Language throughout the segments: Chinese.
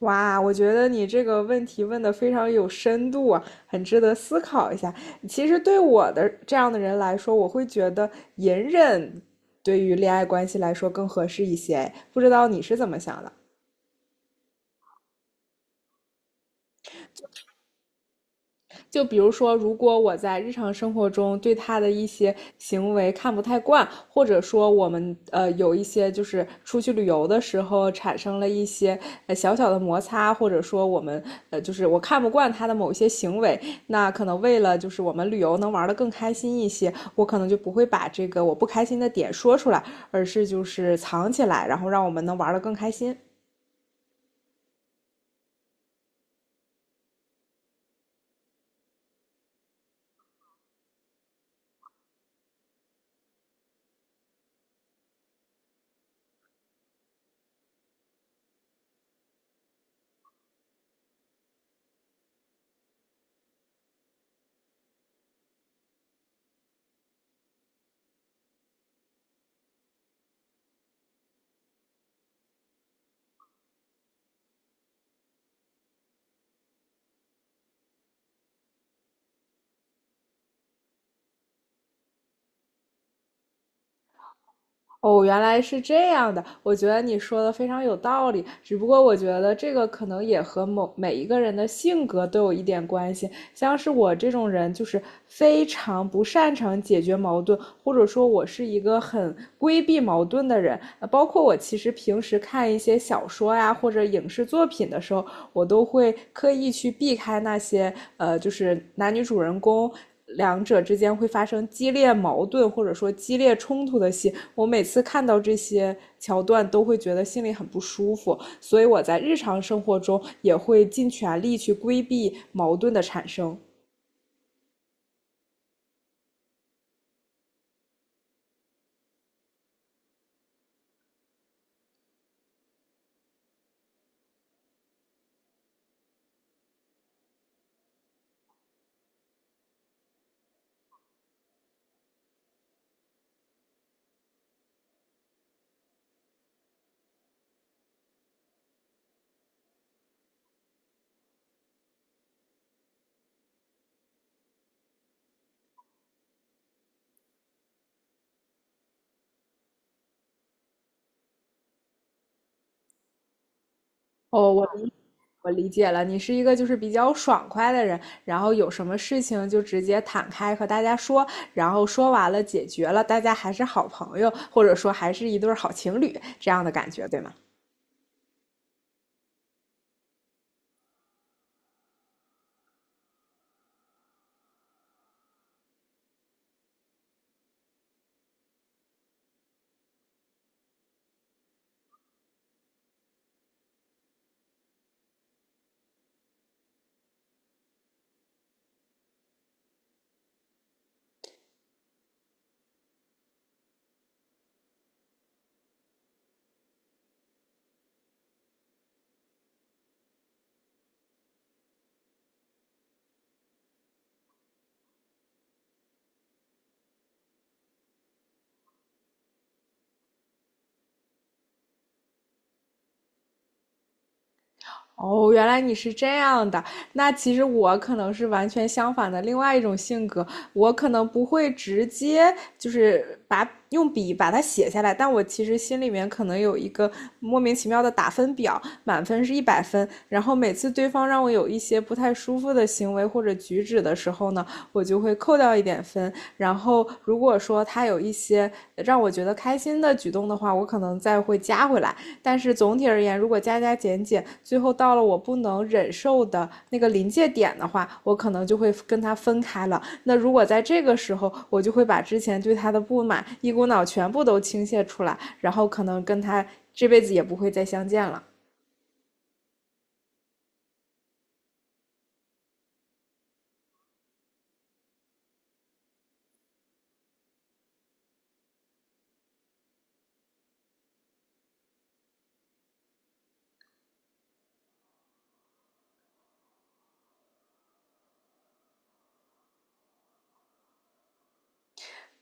哇，我觉得你这个问题问的非常有深度啊，很值得思考一下。其实对我的这样的人来说，我会觉得隐忍对于恋爱关系来说更合适一些。不知道你是怎么想的？就比如说，如果我在日常生活中对他的一些行为看不太惯，或者说我们有一些就是出去旅游的时候产生了一些小小的摩擦，或者说我们就是我看不惯他的某些行为，那可能为了就是我们旅游能玩得更开心一些，我可能就不会把这个我不开心的点说出来，而是就是藏起来，然后让我们能玩得更开心。哦，原来是这样的，我觉得你说的非常有道理。只不过我觉得这个可能也和某每一个人的性格都有一点关系。像是我这种人，就是非常不擅长解决矛盾，或者说我是一个很规避矛盾的人。包括我其实平时看一些小说呀或者影视作品的时候，我都会刻意去避开那些就是男女主人公两者之间会发生激烈矛盾或者说激烈冲突的戏，我每次看到这些桥段都会觉得心里很不舒服，所以我在日常生活中也会尽全力去规避矛盾的产生。哦，我理解了，你是一个就是比较爽快的人，然后有什么事情就直接坦开和大家说，然后说完了解决了，大家还是好朋友，或者说还是一对好情侣这样的感觉，对吗？哦，原来你是这样的。那其实我可能是完全相反的另外一种性格，我可能不会直接就是把用笔把它写下来，但我其实心里面可能有一个莫名其妙的打分表，满分是100分。然后每次对方让我有一些不太舒服的行为或者举止的时候呢，我就会扣掉一点分。然后如果说他有一些让我觉得开心的举动的话，我可能再会加回来。但是总体而言，如果加加减减，最后到了我不能忍受的那个临界点的话，我可能就会跟他分开了。那如果在这个时候，我就会把之前对他的不满一股脑全部都倾泻出来，然后可能跟他这辈子也不会再相见了。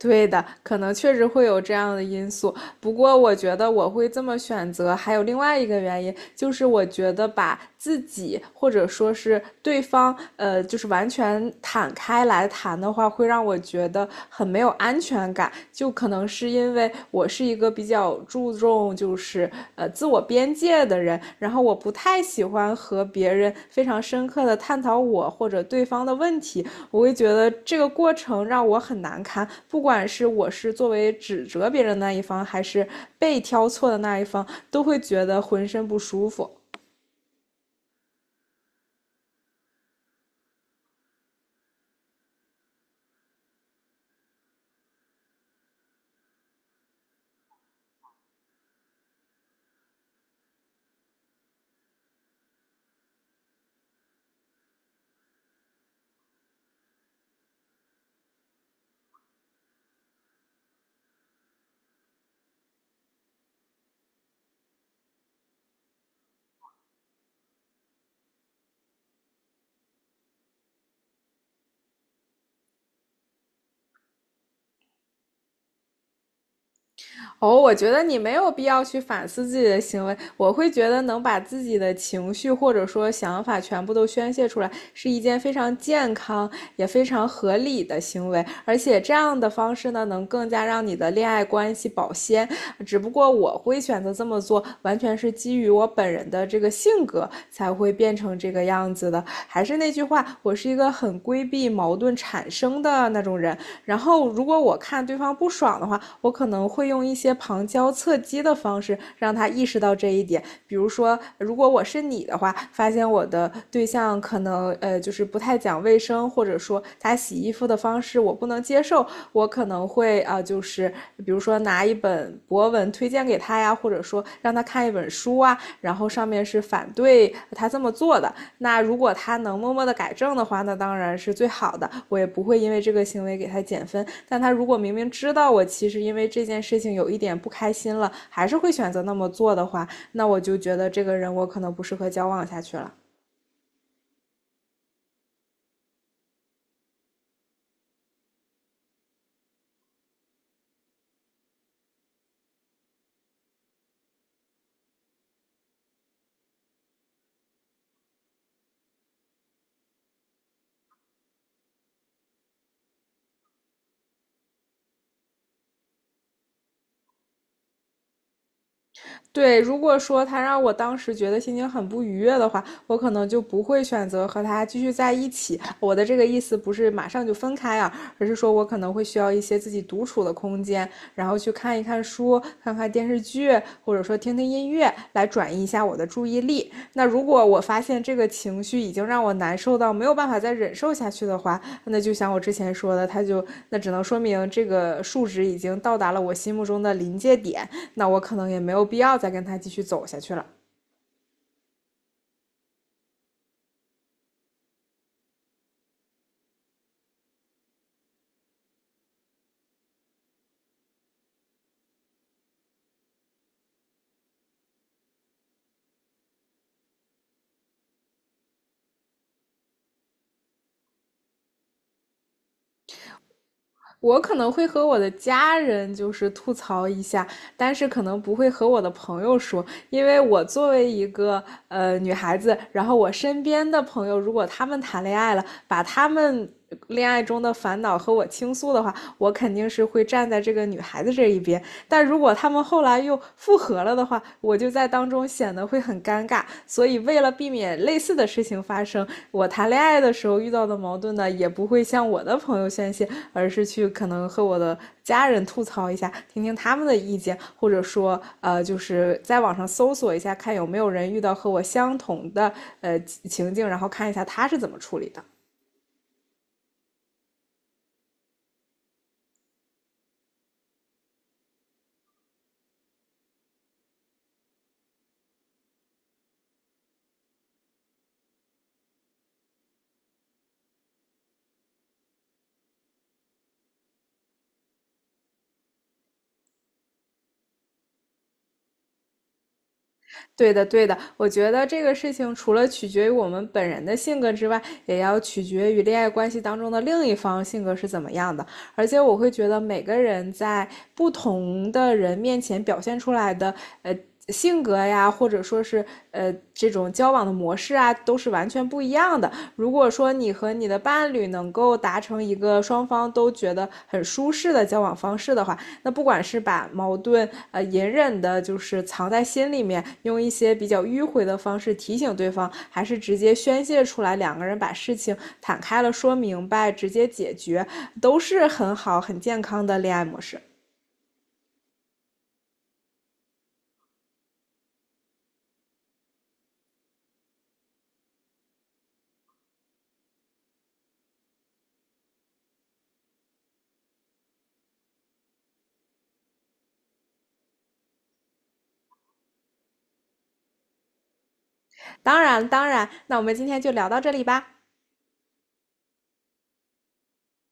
对的，可能确实会有这样的因素。不过，我觉得我会这么选择，还有另外一个原因，就是我觉得把自己或者说是对方，就是完全坦开来谈的话，会让我觉得很没有安全感。就可能是因为我是一个比较注重就是自我边界的人，然后我不太喜欢和别人非常深刻的探讨我或者对方的问题，我会觉得这个过程让我很难堪，不管是我是作为指责别人的那一方，还是被挑错的那一方，都会觉得浑身不舒服。哦，我觉得你没有必要去反思自己的行为。我会觉得能把自己的情绪或者说想法全部都宣泄出来，是一件非常健康也非常合理的行为。而且这样的方式呢，能更加让你的恋爱关系保鲜。只不过我会选择这么做，完全是基于我本人的这个性格才会变成这个样子的。的还是那句话，我是一个很规避矛盾产生的那种人。然后，如果我看对方不爽的话，我可能会用一些旁敲侧击的方式让他意识到这一点。比如说，如果我是你的话，发现我的对象可能就是不太讲卫生，或者说他洗衣服的方式我不能接受，我可能会啊、就是比如说拿一本博文推荐给他呀，或者说让他看一本书啊，然后上面是反对他这么做的。那如果他能默默的改正的话，那当然是最好的，我也不会因为这个行为给他减分。但他如果明明知道我其实因为这件事情有一点不开心了，还是会选择那么做的话，那我就觉得这个人我可能不适合交往下去了。对，如果说他让我当时觉得心情很不愉悦的话，我可能就不会选择和他继续在一起。我的这个意思不是马上就分开啊，而是说我可能会需要一些自己独处的空间，然后去看一看书、看看电视剧，或者说听听音乐，乐来转移一下我的注意力。那如果我发现这个情绪已经让我难受到没有办法再忍受下去的话，那就像我之前说的，它就那只能说明这个数值已经到达了我心目中的临界点，那我可能也没有必要再跟它继续走下去了。我可能会和我的家人就是吐槽一下，但是可能不会和我的朋友说，因为我作为一个女孩子，然后我身边的朋友如果他们谈恋爱了，把他们恋爱中的烦恼和我倾诉的话，我肯定是会站在这个女孩子这一边。但如果他们后来又复合了的话，我就在当中显得会很尴尬。所以为了避免类似的事情发生。我谈恋爱的时候遇到的矛盾呢，也不会向我的朋友宣泄，而是去可能和我的家人吐槽一下，听听他们的意见，或者说就是在网上搜索一下，看有没有人遇到和我相同的情境，然后看一下他是怎么处理的。对的，对的，我觉得这个事情除了取决于我们本人的性格之外，也要取决于恋爱关系当中的另一方性格是怎么样的。而且我会觉得每个人在不同的人面前表现出来的，呃，性格呀，或者说是这种交往的模式啊，都是完全不一样的。如果说你和你的伴侣能够达成一个双方都觉得很舒适的交往方式的话，那不管是把矛盾隐忍的，就是藏在心里面，用一些比较迂回的方式提醒对方，还是直接宣泄出来，两个人把事情坦开了说明白，直接解决，都是很好很健康的恋爱模式。当然，当然，那我们今天就聊到这里吧。